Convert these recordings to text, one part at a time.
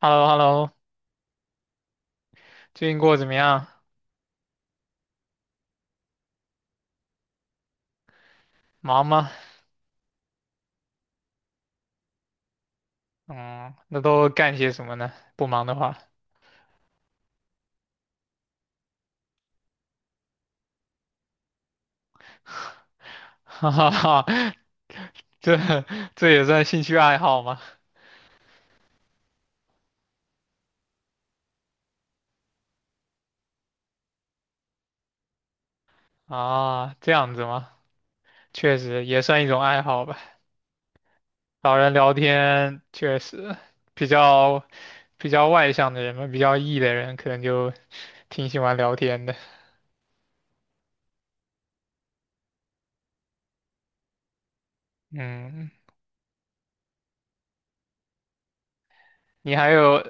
h e l l o h e l l o 最近过得怎么样？忙吗？嗯，那都干些什么呢？不忙的话，哈哈哈，这这也算兴趣爱好吗？啊，这样子吗？确实也算一种爱好吧。找人聊天，确实比较外向的人嘛，比较 E 的人可能就挺喜欢聊天的。嗯，你还有，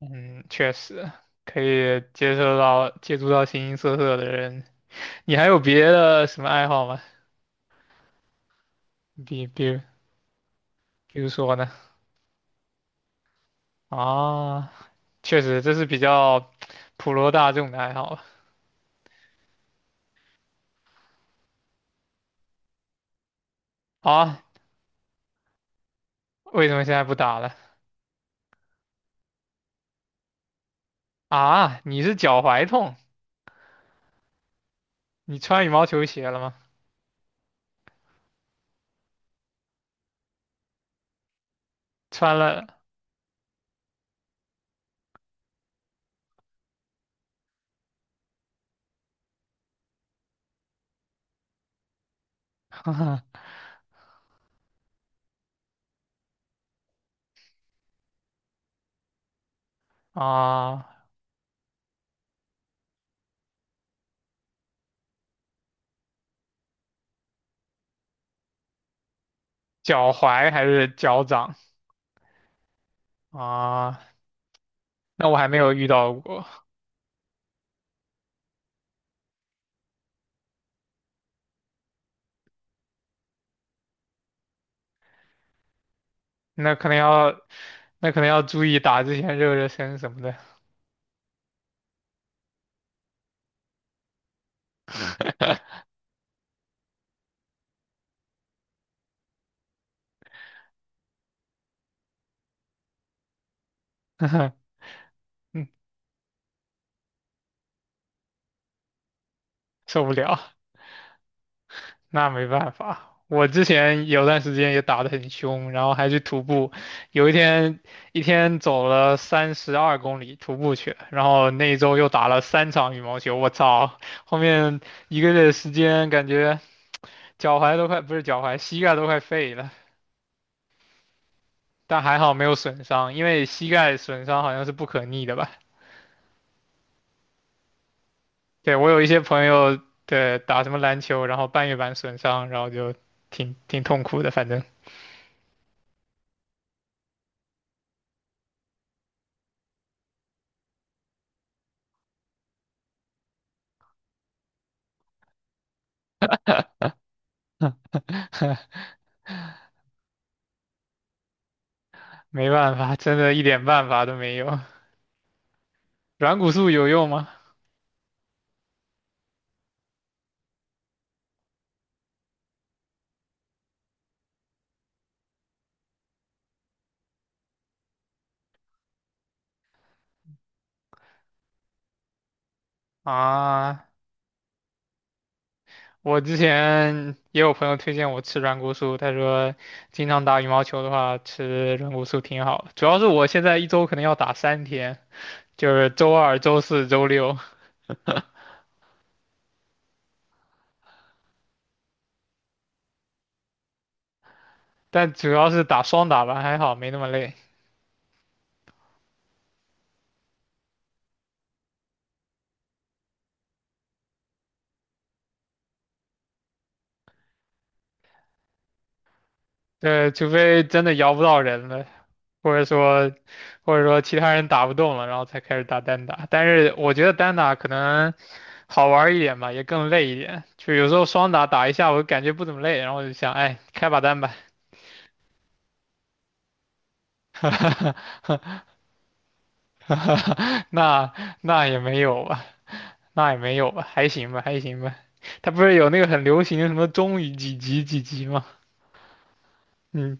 嗯，确实可以接受到接触到形形色色的人。你还有别的什么爱好吗？比比比如说呢？啊，确实这是比较普罗大众的爱好吧。啊，为什么现在不打了？啊，你是脚踝痛？你穿羽毛球鞋了吗？穿了啊，脚踝还是脚掌啊？那我还没有遇到过，那可能要那可能要注意打之前热热身什么的，嗯，受不了。那没办法，我之前有段时间也打得很凶，然后还去徒步，有一天一天走了32公里徒步去了，然后那一周又打了三场羽毛球，我操，后面一个月的时间感觉脚踝都快，不是脚踝，膝盖都快废了，但还好没有损伤，因为膝盖损伤好像是不可逆的吧？对，我有一些朋友，对，打什么篮球，然后半月板损伤，然后就挺痛苦的，反正。没办法，真的一点办法都没有。软骨素有用吗？啊，我之前也有朋友推荐我吃软骨素，他说经常打羽毛球的话吃软骨素挺好主要是我现在一周可能要打3天，就是周二、周四、周六，但主要是打双打吧，还好没那么累。对，除非真的摇不到人了，或者说其他人打不动了，然后才开始打单打。但是我觉得单打可能。好玩儿一点吧，也更累一点。就有时候双打打一下，我感觉不怎么累，然后我就想，哎，开把单吧。那那也没有吧，那也没有吧，还行吧，还行吧。他不是有那个很流行的什么中于几级几级吗？嗯，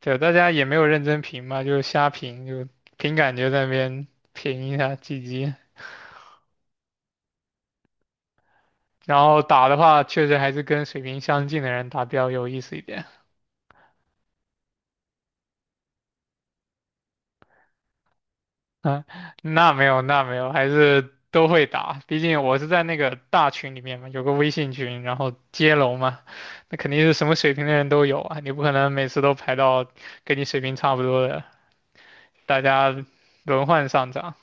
对，大家也没有认真评嘛，就是瞎评，就凭感觉在那边评一下几级。然后打的话，确实还是跟水平相近的人打比较有意思一点。啊，那没有，那没有，还是都会打。毕竟我是在那个大群里面嘛，有个微信群，然后接龙嘛，那肯定是什么水平的人都有啊。你不可能每次都排到跟你水平差不多的，大家轮换上涨，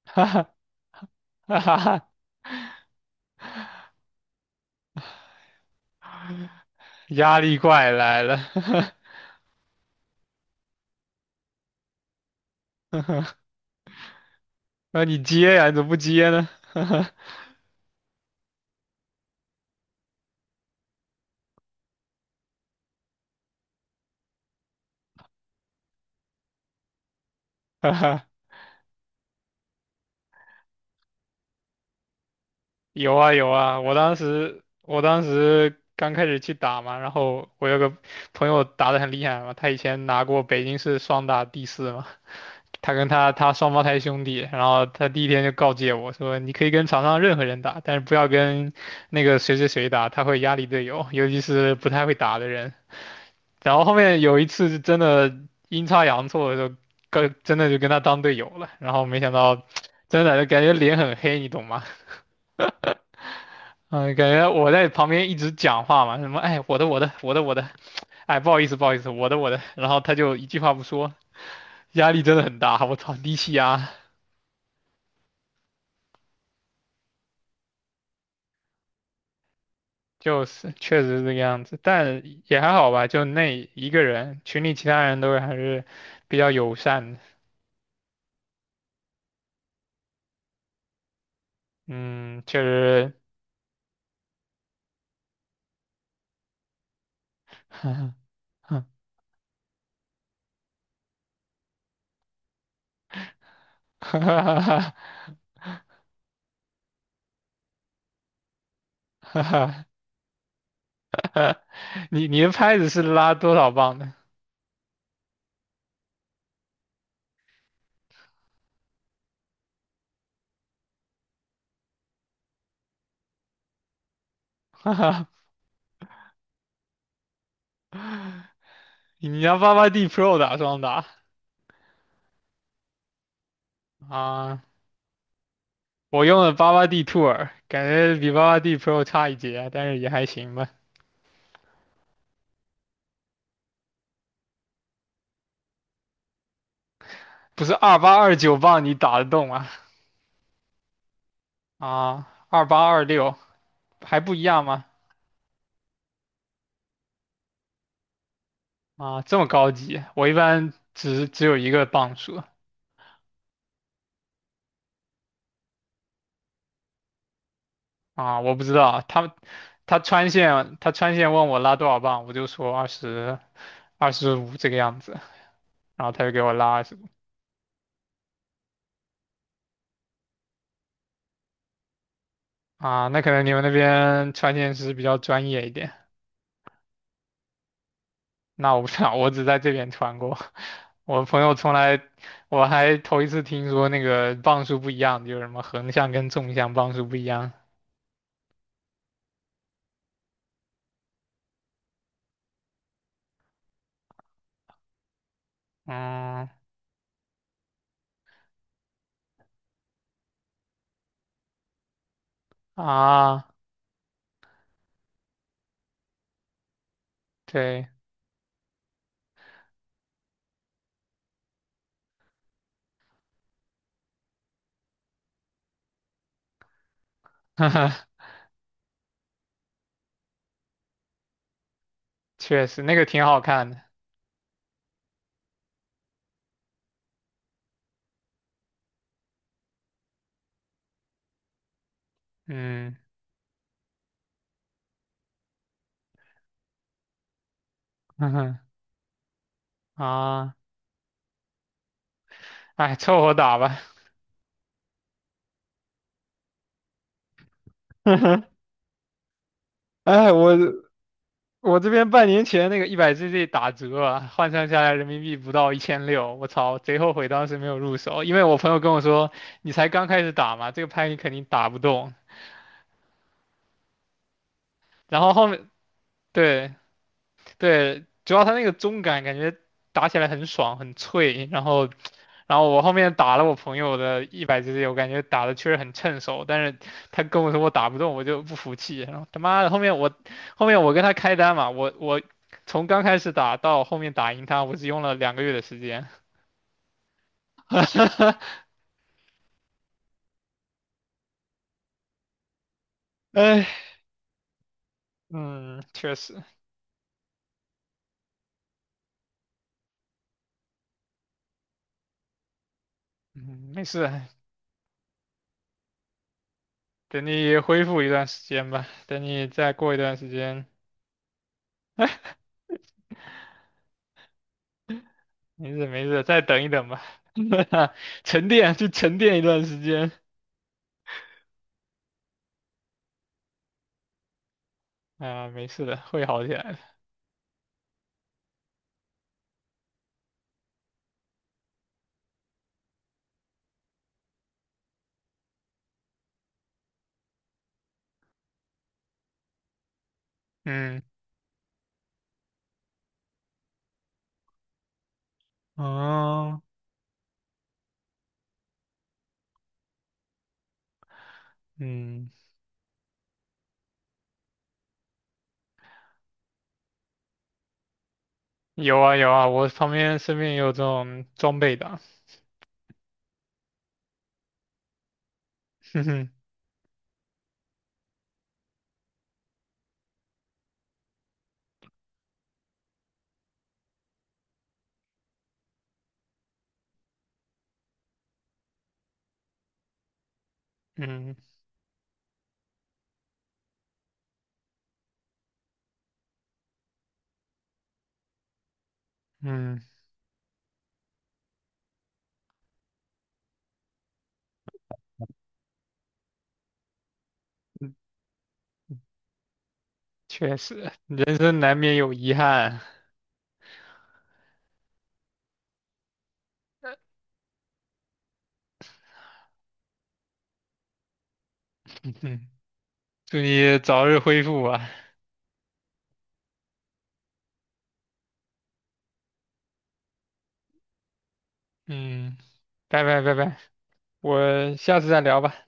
哈哈哈压力怪来了。那你接呀、你怎么不接呢？有啊有啊，我当时刚开始去打嘛，然后我有个朋友打得很厉害嘛，他以前拿过北京市双打第四嘛，他跟他双胞胎兄弟，然后他第一天就告诫我说，你可以跟场上任何人打，但是不要跟那个谁谁谁打，他会压力队友，尤其是不太会打的人。然后后面有一次是真的阴差阳错的就跟他当队友了，然后没想到 真的就感觉脸很黑，你懂吗？嗯，感觉我在旁边一直讲话嘛，什么哎，我的我的我的我的，哎，不好意思不好意思，我的我的，然后他就一句话不说，压力真的很大，我操，低气压，就是确实是这个样子，但也还好吧，就那一个人，群里其他人都还是比较友善的，嗯，确实，哈哈哈哈你的拍子是拉多少磅的？哈哈你要八八 D Pro 打双打啊？我用了八八 DTO 感觉比八八 D Pro 差一截啊，但是也还行吧。不是二八二九磅你打得动吗？啊，二八二六还不一样吗？啊，这么高级，我一般只有一个磅数啊，我不知道啊他他穿线问我拉多少磅，我就说二十五这个样子，然后他就给我拉二十五啊，那可能你们那边穿线师比较专业一点。那我不知道，我只在这边穿过。我朋友从来，我还头一次听说那个磅数不一样，就是什么横向跟纵向磅数不一样。嗯啊，对，确实那个挺好看的。嗯，啊，哎，凑合打吧。哎，我这边半年前那个一百 GG 打折啊，换算下来人民币不到1600，我操，贼后悔当时没有入手，因为我朋友跟我说，你才刚开始打嘛，这个拍你肯定打不动。然后后面对对，主要它那个中感，感觉打起来很爽很脆，然后我后面打了我朋友的一百 GC，我感觉打的确实很趁手，但是他跟我说我打不动，我就不服气，然后他妈的后面后面我跟他开单嘛，我从刚开始打到后面打赢他，我只用了2个月的时间，哎，嗯，确实，嗯，没事，等你恢复一段时间吧，等你再过一段时间。没事没事，再等一等吧，沉淀就沉淀一段时间啊，没事的，会好起来的。嗯，哦，嗯，有啊有啊，我身边也有这种装备的啊。哼哼，嗯嗯，确实，人生难免有遗憾，嗯哼，祝你早日恢复啊，嗯，拜拜拜拜，我下次再聊吧。